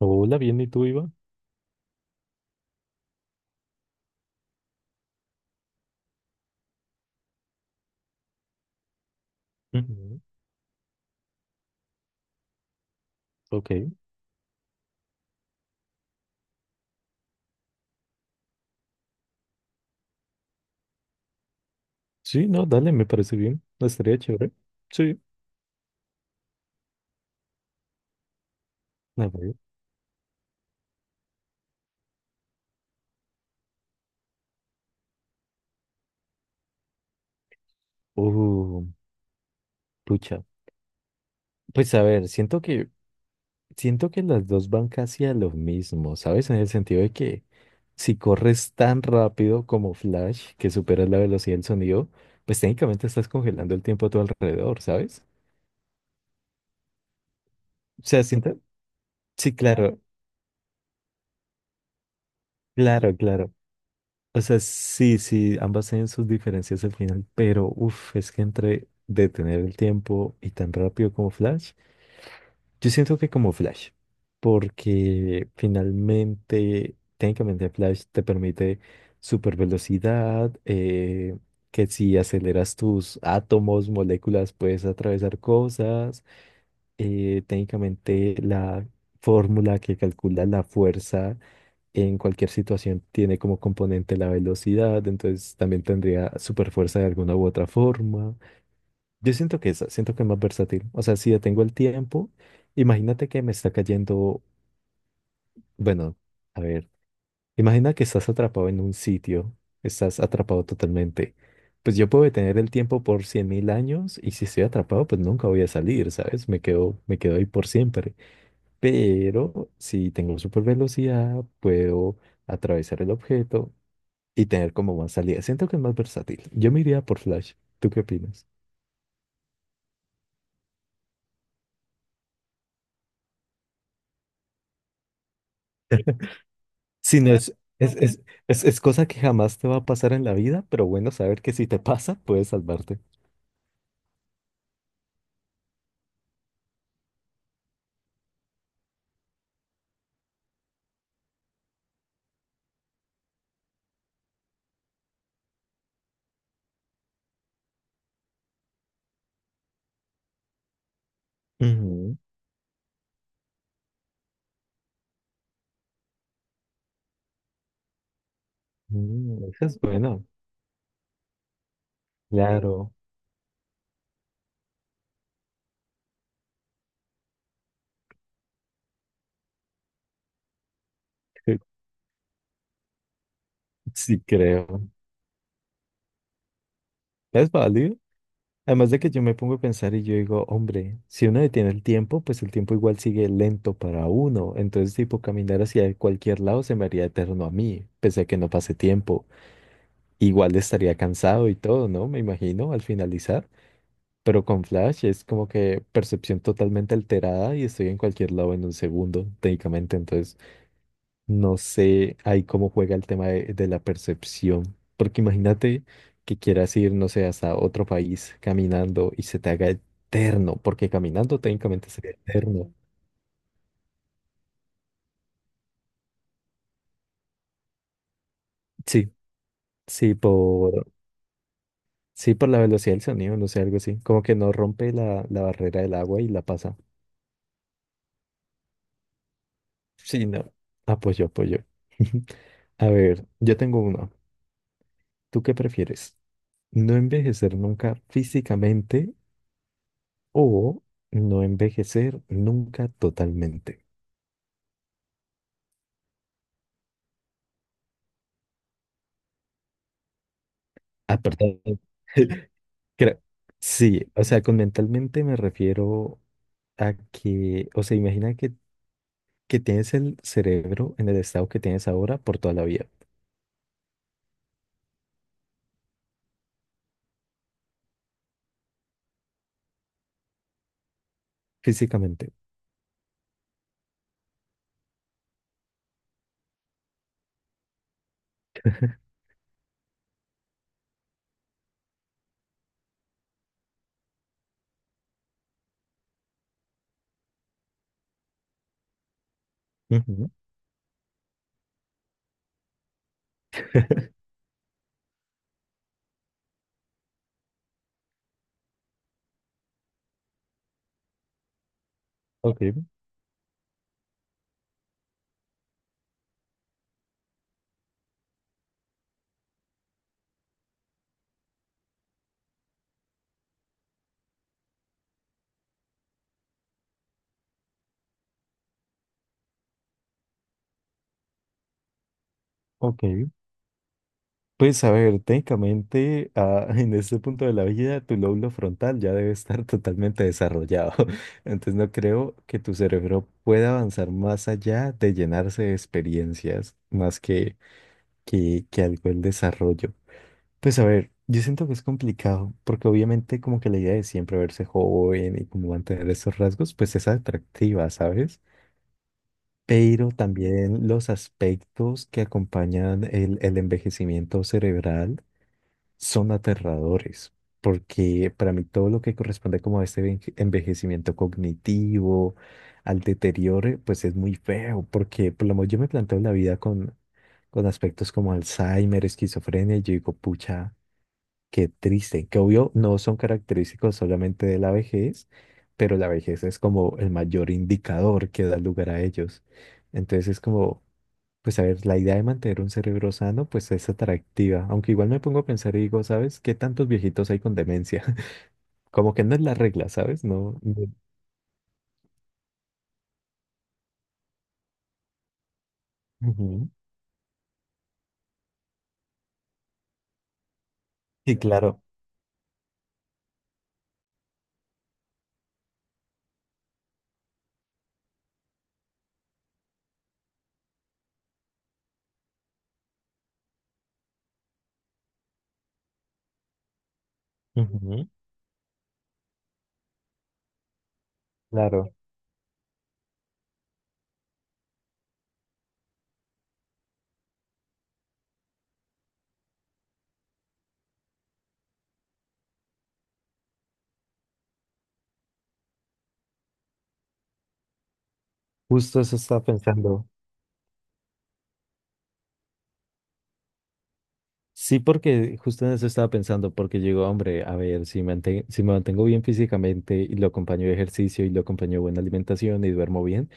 Hola, bien, ¿y tú, Iván? Ujú. Ok. Sí, no, dale, me parece bien. Estaría chévere. Sí. A ver. Uh, Pucha. Pues a ver, siento que las dos van casi a lo mismo, ¿sabes? En el sentido de que si corres tan rápido como Flash, que superas la velocidad del sonido, pues técnicamente estás congelando el tiempo a tu alrededor, ¿sabes? O sea, siento. Sí, claro, claro, claro. O sea, sí, sí, ambas tienen sus diferencias al final, pero uff, es que entre detener el tiempo y tan rápido como Flash, yo siento que como Flash, porque finalmente, técnicamente Flash te permite super velocidad, que si aceleras tus átomos, moléculas, puedes atravesar cosas, técnicamente la fórmula que calcula la fuerza en cualquier situación tiene como componente la velocidad, entonces también tendría superfuerza de alguna u otra forma. Yo siento que esa, siento que es más versátil. O sea, si detengo el tiempo, imagínate que me está cayendo, bueno, a ver, imagina que estás atrapado en un sitio, estás atrapado totalmente. Pues yo puedo detener el tiempo por 100.000 años y si estoy atrapado, pues nunca voy a salir, ¿sabes? Me quedo ahí por siempre. Pero si tengo super velocidad, puedo atravesar el objeto y tener como más salida. Siento que es más versátil. Yo me iría por Flash. ¿Tú qué opinas? Si no es cosa que jamás te va a pasar en la vida, pero bueno, saber que si te pasa, puedes salvarte. Ujú. Mm, eso es bueno. Claro, sí creo. Es válido. Además de que yo me pongo a pensar y yo digo, hombre, si uno detiene el tiempo, pues el tiempo igual sigue lento para uno. Entonces, tipo, caminar hacia cualquier lado se me haría eterno a mí, pese a que no pase tiempo. Igual estaría cansado y todo, ¿no? Me imagino al finalizar. Pero con Flash es como que percepción totalmente alterada y estoy en cualquier lado en un segundo, técnicamente. Entonces, no sé ahí cómo juega el tema de la percepción, porque imagínate que quieras ir, no sé, hasta otro país caminando y se te haga eterno, porque caminando técnicamente sería eterno. Sí, sí, sí, por la velocidad del sonido, no sé, algo así, como que no rompe la barrera del agua y la pasa. Sí, no, apoyo, apoyo. A ver, yo tengo uno. ¿Tú qué prefieres? ¿No envejecer nunca físicamente o no envejecer nunca totalmente? Ah, perdón. Creo- Sí, o sea, con mentalmente me refiero a que, o sea, imagina que tienes el cerebro en el estado que tienes ahora por toda la vida, físicamente. Ujú. Ok, ok. Pues a ver, técnicamente ah, en este punto de la vida tu lóbulo frontal ya debe estar totalmente desarrollado. Entonces no creo que tu cerebro pueda avanzar más allá de llenarse de experiencias más que algo el desarrollo. Pues a ver, yo siento que es complicado porque obviamente como que la idea de siempre verse joven y como mantener esos rasgos pues es atractiva, ¿sabes? Pero también los aspectos que acompañan el envejecimiento cerebral son aterradores, porque para mí todo lo que corresponde como a este envejecimiento cognitivo, al deterioro, pues es muy feo, porque por lo menos yo me planteo la vida con aspectos como Alzheimer, esquizofrenia, y yo digo, pucha, qué triste, que obvio no son característicos solamente de la vejez, pero la vejez es como el mayor indicador que da lugar a ellos. Entonces es como... Pues a ver, la idea de mantener un cerebro sano, pues es atractiva, aunque igual me pongo a pensar y digo, ¿sabes qué tantos viejitos hay con demencia? Como que no es la regla, ¿sabes? No. Ujú. Sí, claro. Ujú. Claro. Justo eso estaba pensando. Sí, porque justo en eso estaba pensando, porque digo, hombre, a ver, si si me mantengo bien físicamente y lo acompaño de ejercicio y lo acompaño de buena alimentación y duermo bien,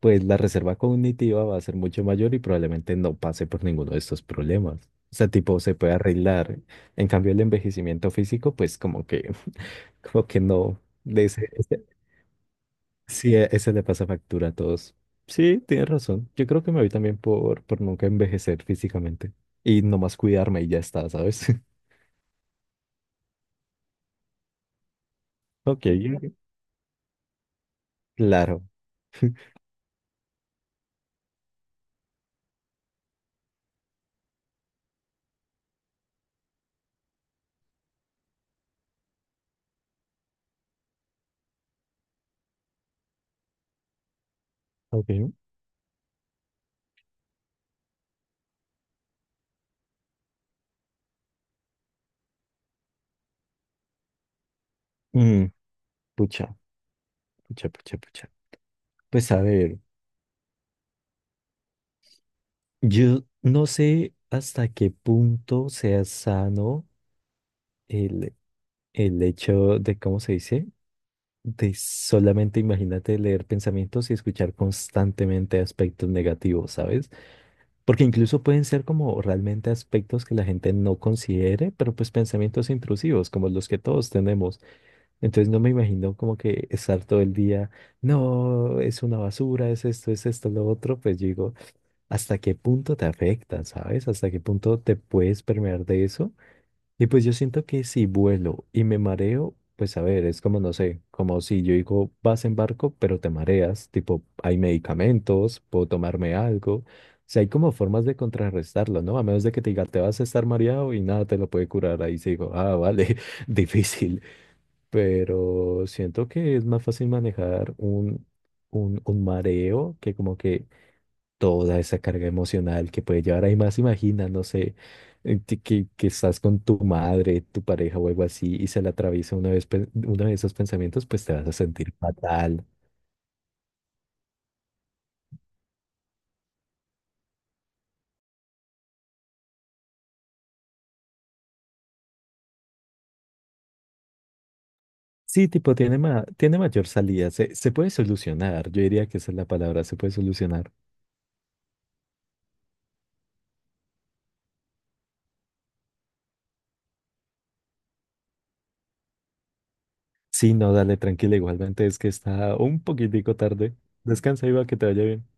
pues la reserva cognitiva va a ser mucho mayor y probablemente no pase por ninguno de estos problemas. O sea, tipo, se puede arreglar. En cambio, el envejecimiento físico, pues como que, como que no. Sí, ese le pasa factura a todos. Sí, tienes razón. Yo creo que me voy también por nunca envejecer físicamente y nomás cuidarme y ya está, ¿sabes? Ok, ok, claro. Ok. Mm, Pucha, pucha, pucha, pucha. Pues a ver. Yo no sé hasta qué punto sea sano el, el hecho de, ¿cómo se dice? De solamente imagínate leer pensamientos y escuchar constantemente aspectos negativos, ¿sabes? Porque incluso pueden ser como realmente aspectos que la gente no considere, pero pues pensamientos intrusivos, como los que todos tenemos. Entonces no me imagino como que estar todo el día, no, es una basura, es esto, lo otro, pues digo hasta qué punto te afecta, ¿sabes? Hasta qué punto te puedes permear de eso. Y pues yo siento que si vuelo y me mareo, pues a ver, es como, no sé, como si yo digo, vas en barco, pero te mareas, tipo, hay medicamentos, puedo tomarme algo. O sea, hay como formas de contrarrestarlo, ¿no? A menos de que te diga, te vas a estar mareado y nada te lo puede curar. Ahí sí digo, ah, vale, difícil. Pero siento que es más fácil manejar un mareo que como que toda esa carga emocional que puede llevar. Ahí más imagina, no sé, que estás con tu madre, tu pareja o algo así y se le atraviesa una vez, uno de esos pensamientos, pues te vas a sentir fatal. Sí, tipo, tiene mayor salida, se puede solucionar, yo diría que esa es la palabra, se puede solucionar. Sí, no, dale, tranquila, igualmente es que está un poquitico tarde. Descansa, Iba, que te vaya bien.